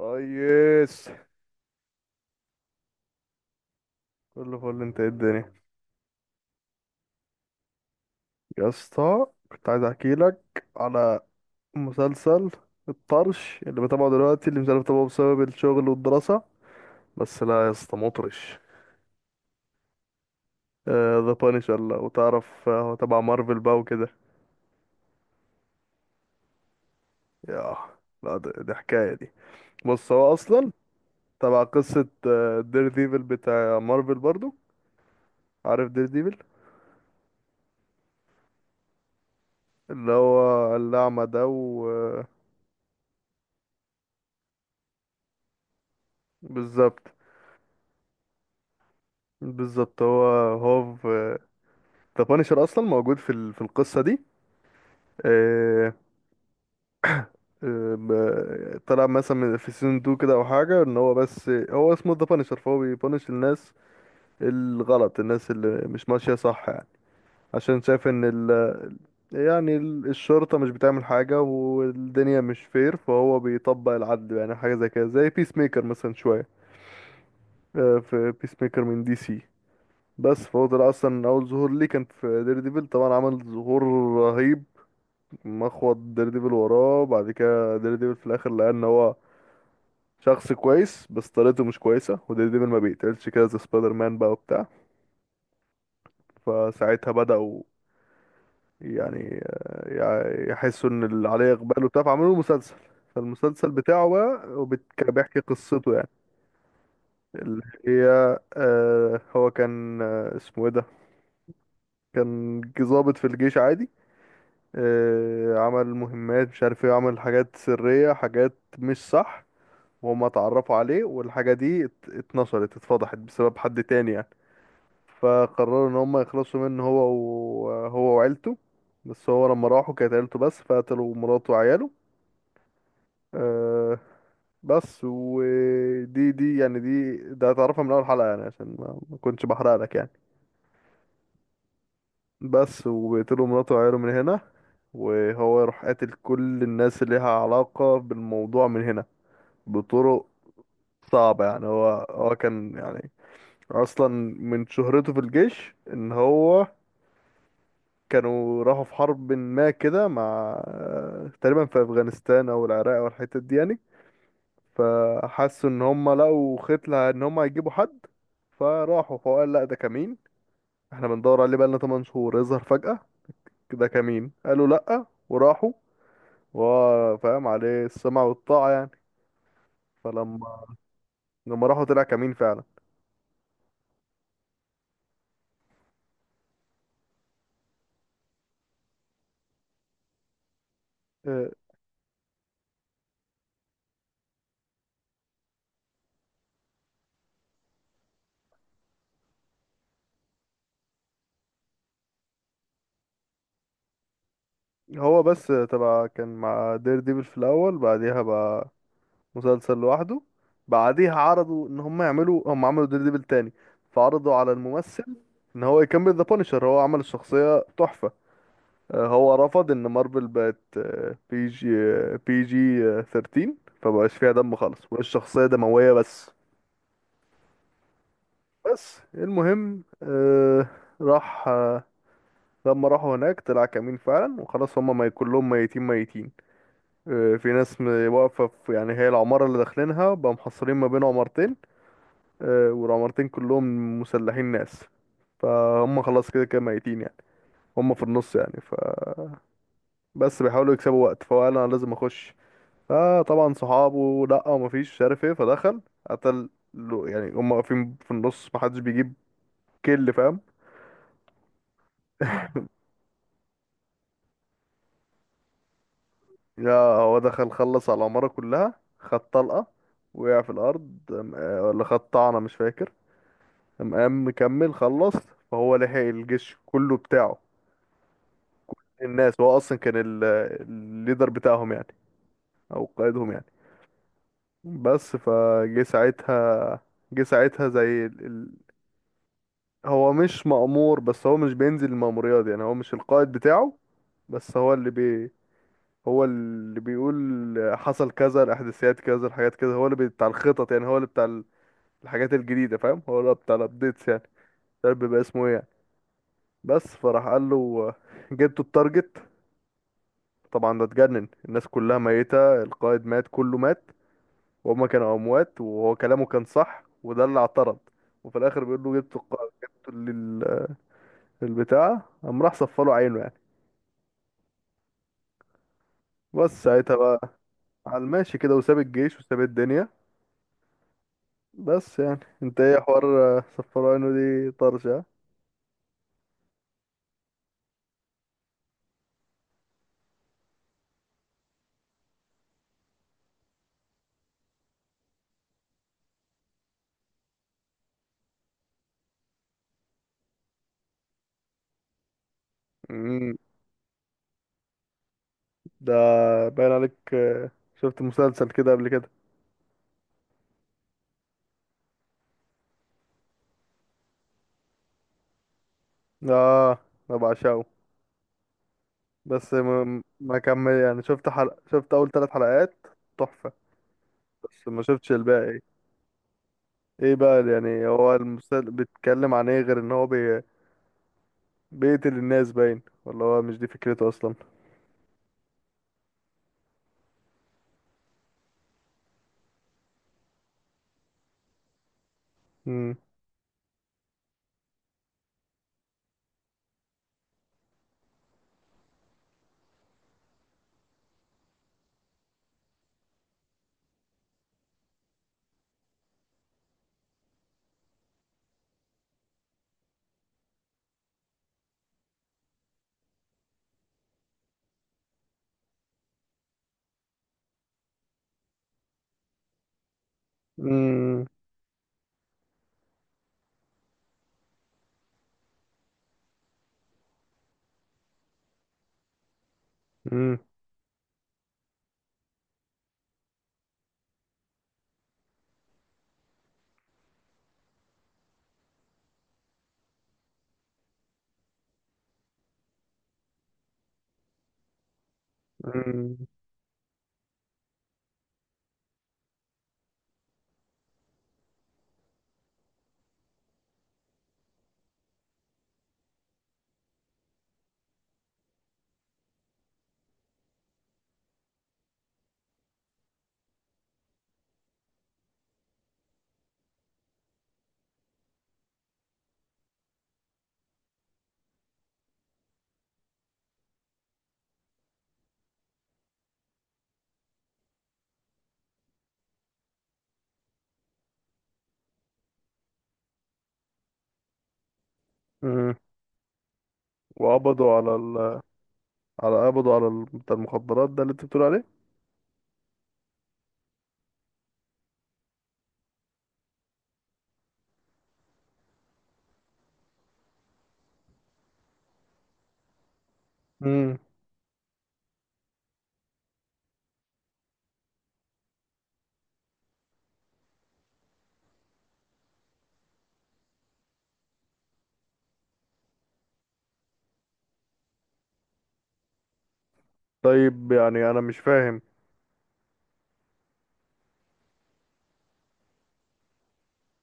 ريس، كله فل. انت ايه الدنيا؟ يا اسطى، كنت عايز احكي لك على مسلسل الطرش اللي بتابعه دلوقتي، اللي مش عارف اتابعه بسبب الشغل والدراسة. بس لا يا اسطى، مطرش. ذا بانشر. لا وتعرف، هو تبع مارفل بقى وكده. ياه، لا. دي حكاية دي. بص هو اصلا تبع قصة دير ديفل بتاع مارفل برضو. عارف دير ديفل؟ اللي هو الأعمى ده، و آه، بالظبط. بالظبط هو. هوف. ذا بانشر اصلا موجود في القصه دي. آه، طلع مثلا في سيزون 2 كده، او حاجه. ان هو، بس هو اسمه ذا بانشر، فهو بيبانش الناس الغلط، الناس اللي مش ماشيه صح يعني. عشان شايف ان ال، يعني الشرطه مش بتعمل حاجه، والدنيا مش فير، فهو بيطبق العدل يعني. حاجه زي كده، زي بيس ميكر مثلا شويه. في بيس ميكر من دي سي. بس فهو طلع اصلا اول ظهور ليه كان في دير ديفل. طبعا عمل ظهور رهيب، مخوض ديرديفل وراه. بعد كده ديرديفل في الاخر لقى ان هو شخص كويس بس طريقته مش كويسه، وديرديفل ما بيقتلش كده زي سبايدر مان بقى وبتاع. فساعتها بدأوا يعني يحسوا ان اللي عليه اقبال وبتاع، فعملوا له مسلسل. فالمسلسل بتاعه بقى بيحكي قصته يعني. اللي هي هو كان، اسمه ايه ده، كان ضابط في الجيش عادي. عمل مهمات، مش عارف ايه. عمل حاجات سرية، حاجات مش صح. وهم اتعرفوا عليه، والحاجة دي اتنشرت، اتفضحت بسبب حد تاني يعني. فقرروا ان هم يخلصوا منه هو، وهو وعيلته. بس هو لما راحوا كانت عيلته بس، فقتلوا مراته وعياله. أه. بس ودي، دي يعني، ده هتعرفها من اول حلقة يعني، عشان ما كنتش بحرق لك يعني. بس وبيقتلوا مراته وعياله من هنا، وهو يروح قاتل كل الناس اللي لها علاقة بالموضوع من هنا، بطرق صعبة يعني. هو كان يعني اصلا من شهرته في الجيش، ان هو كانوا راحوا في حرب ما كده، مع، تقريبا في افغانستان او العراق او الحتت دي يعني. فحسوا ان هم لقوا ختلة، ان هم هيجيبوا حد. فراحوا، فقال لا، ده كمين. احنا بندور عليه بقالنا 8 شهور، يظهر فجأة؟ ده كمين. قالوا لا، وراحوا، وهو فاهم عليه السمع والطاعة يعني. فلما لما راحوا طلع كمين فعلا. اه، هو بس تبع كان مع دير ديفل في الأول. بعديها بقى مسلسل لوحده. بعديها عرضوا ان هم يعملوا، هم عملوا ديدبل تاني، فعرضوا على الممثل ان هو يكمل ذا بانشر. هو عمل الشخصية تحفة. هو رفض، ان مارفل بقت بي جي، بي جي 13، فمبقاش فيها دم خالص، والشخصية دموية. بس بس المهم، آه، راح آه، لما راحوا هناك طلع كمين فعلا، وخلاص. هما ما كلهم ميتين ميتين. في ناس واقفة في، يعني، هي العمارة اللي داخلينها بقى، محصرين ما بين عمارتين. والعمارتين كلهم مسلحين ناس، فهم خلاص كده كده ميتين يعني. هم في النص يعني. فبس بيحاولوا يكسبوا وقت، فهو قال انا لازم اخش. فطبعا صحابه لا، ومفيش، مش عارف ايه. فدخل، يعني، هم واقفين في النص محدش بيجيب. كل فاهم. يا، هو دخل خلص على العمارة كلها. خد طلقة، وقع في الأرض. ولا خد طعنة، مش فاكر. قام مكمل، خلص. فهو لحق الجيش كله بتاعه. الناس، هو أصلا كان الليدر بتاعهم يعني، او قائدهم يعني. بس فجه ساعتها جه ساعتها زي هو مش مأمور، بس هو مش بينزل المأموريات يعني، هو مش القائد بتاعه. بس هو اللي بيقول حصل كذا، الاحداثيات كذا، الحاجات كذا. هو اللي بتاع الخطط يعني، هو اللي بتاع الحاجات الجديدة. فاهم، هو اللي بتاع الابديتس يعني. مش عارف بيبقى اسمه ايه يعني. بس، فراح قال له جبتوا التارجت؟ طبعا ده اتجنن، الناس كلها ميتة، القائد مات، كله مات. وهما كانوا اموات، وهو كلامه كان صح، وده اللي اعترض. وفي الاخر بيقول له جبت البتاع؟ قام راح صفى له عينه يعني. بس ساعتها بقى، على الماشي كده، وساب الجيش وساب الدنيا. بس يعني انت ايه حوار؟ صفى له عينه؟ دي طرشة. امم. ده باين عليك، شفت مسلسل كده قبل كده؟ اه، انا بعشقه. بس ما كمل يعني، شفت اول ثلاث حلقات، تحفة. بس ما شفتش الباقي. ايه بقى يعني هو المسلسل بيتكلم عن ايه؟ غير ان هو بيقتل الناس باين؟ ولا هو مش دي فكرته اصلا؟ امم. امم. امم. امم. امم. وقبضوا على ال... على قبضوا على ال... بتاع المخدرات ده اللي انت بتقول عليه. امم طيب، يعني انا مش فاهم.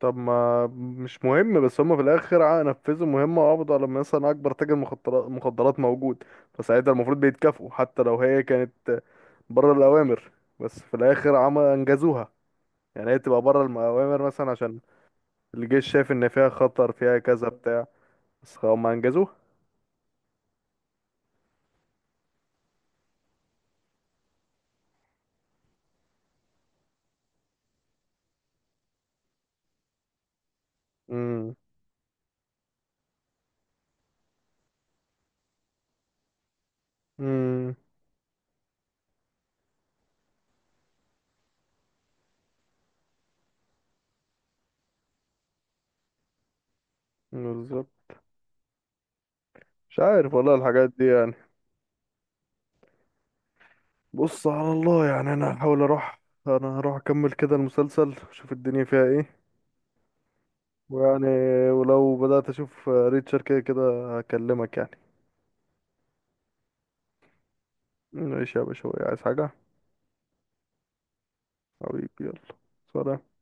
طب ما مش مهم، بس هم في الاخر نفذوا مهمة، وقبضوا على مثلا اكبر تاجر مخدرات موجود. فساعتها المفروض بيتكافئوا، حتى لو هي كانت بره الاوامر. بس في الاخر عمل، انجزوها يعني. هي تبقى بره المؤامر مثلا، عشان الجيش شايف ان فيها خطر، فيها كذا بتاع. بس هم انجزوها. امم. امم. بالظبط. مش عارف والله، الحاجات دي يعني. بص، على الله يعني، انا هحاول اروح. انا هروح اكمل كده المسلسل، اشوف الدنيا فيها ايه. ويعني، ولو بدأت اشوف ريتشر، كده كده هكلمك يعني. ماشي يا باشا، عايز حاجة؟ حبيبي، يلا سلام.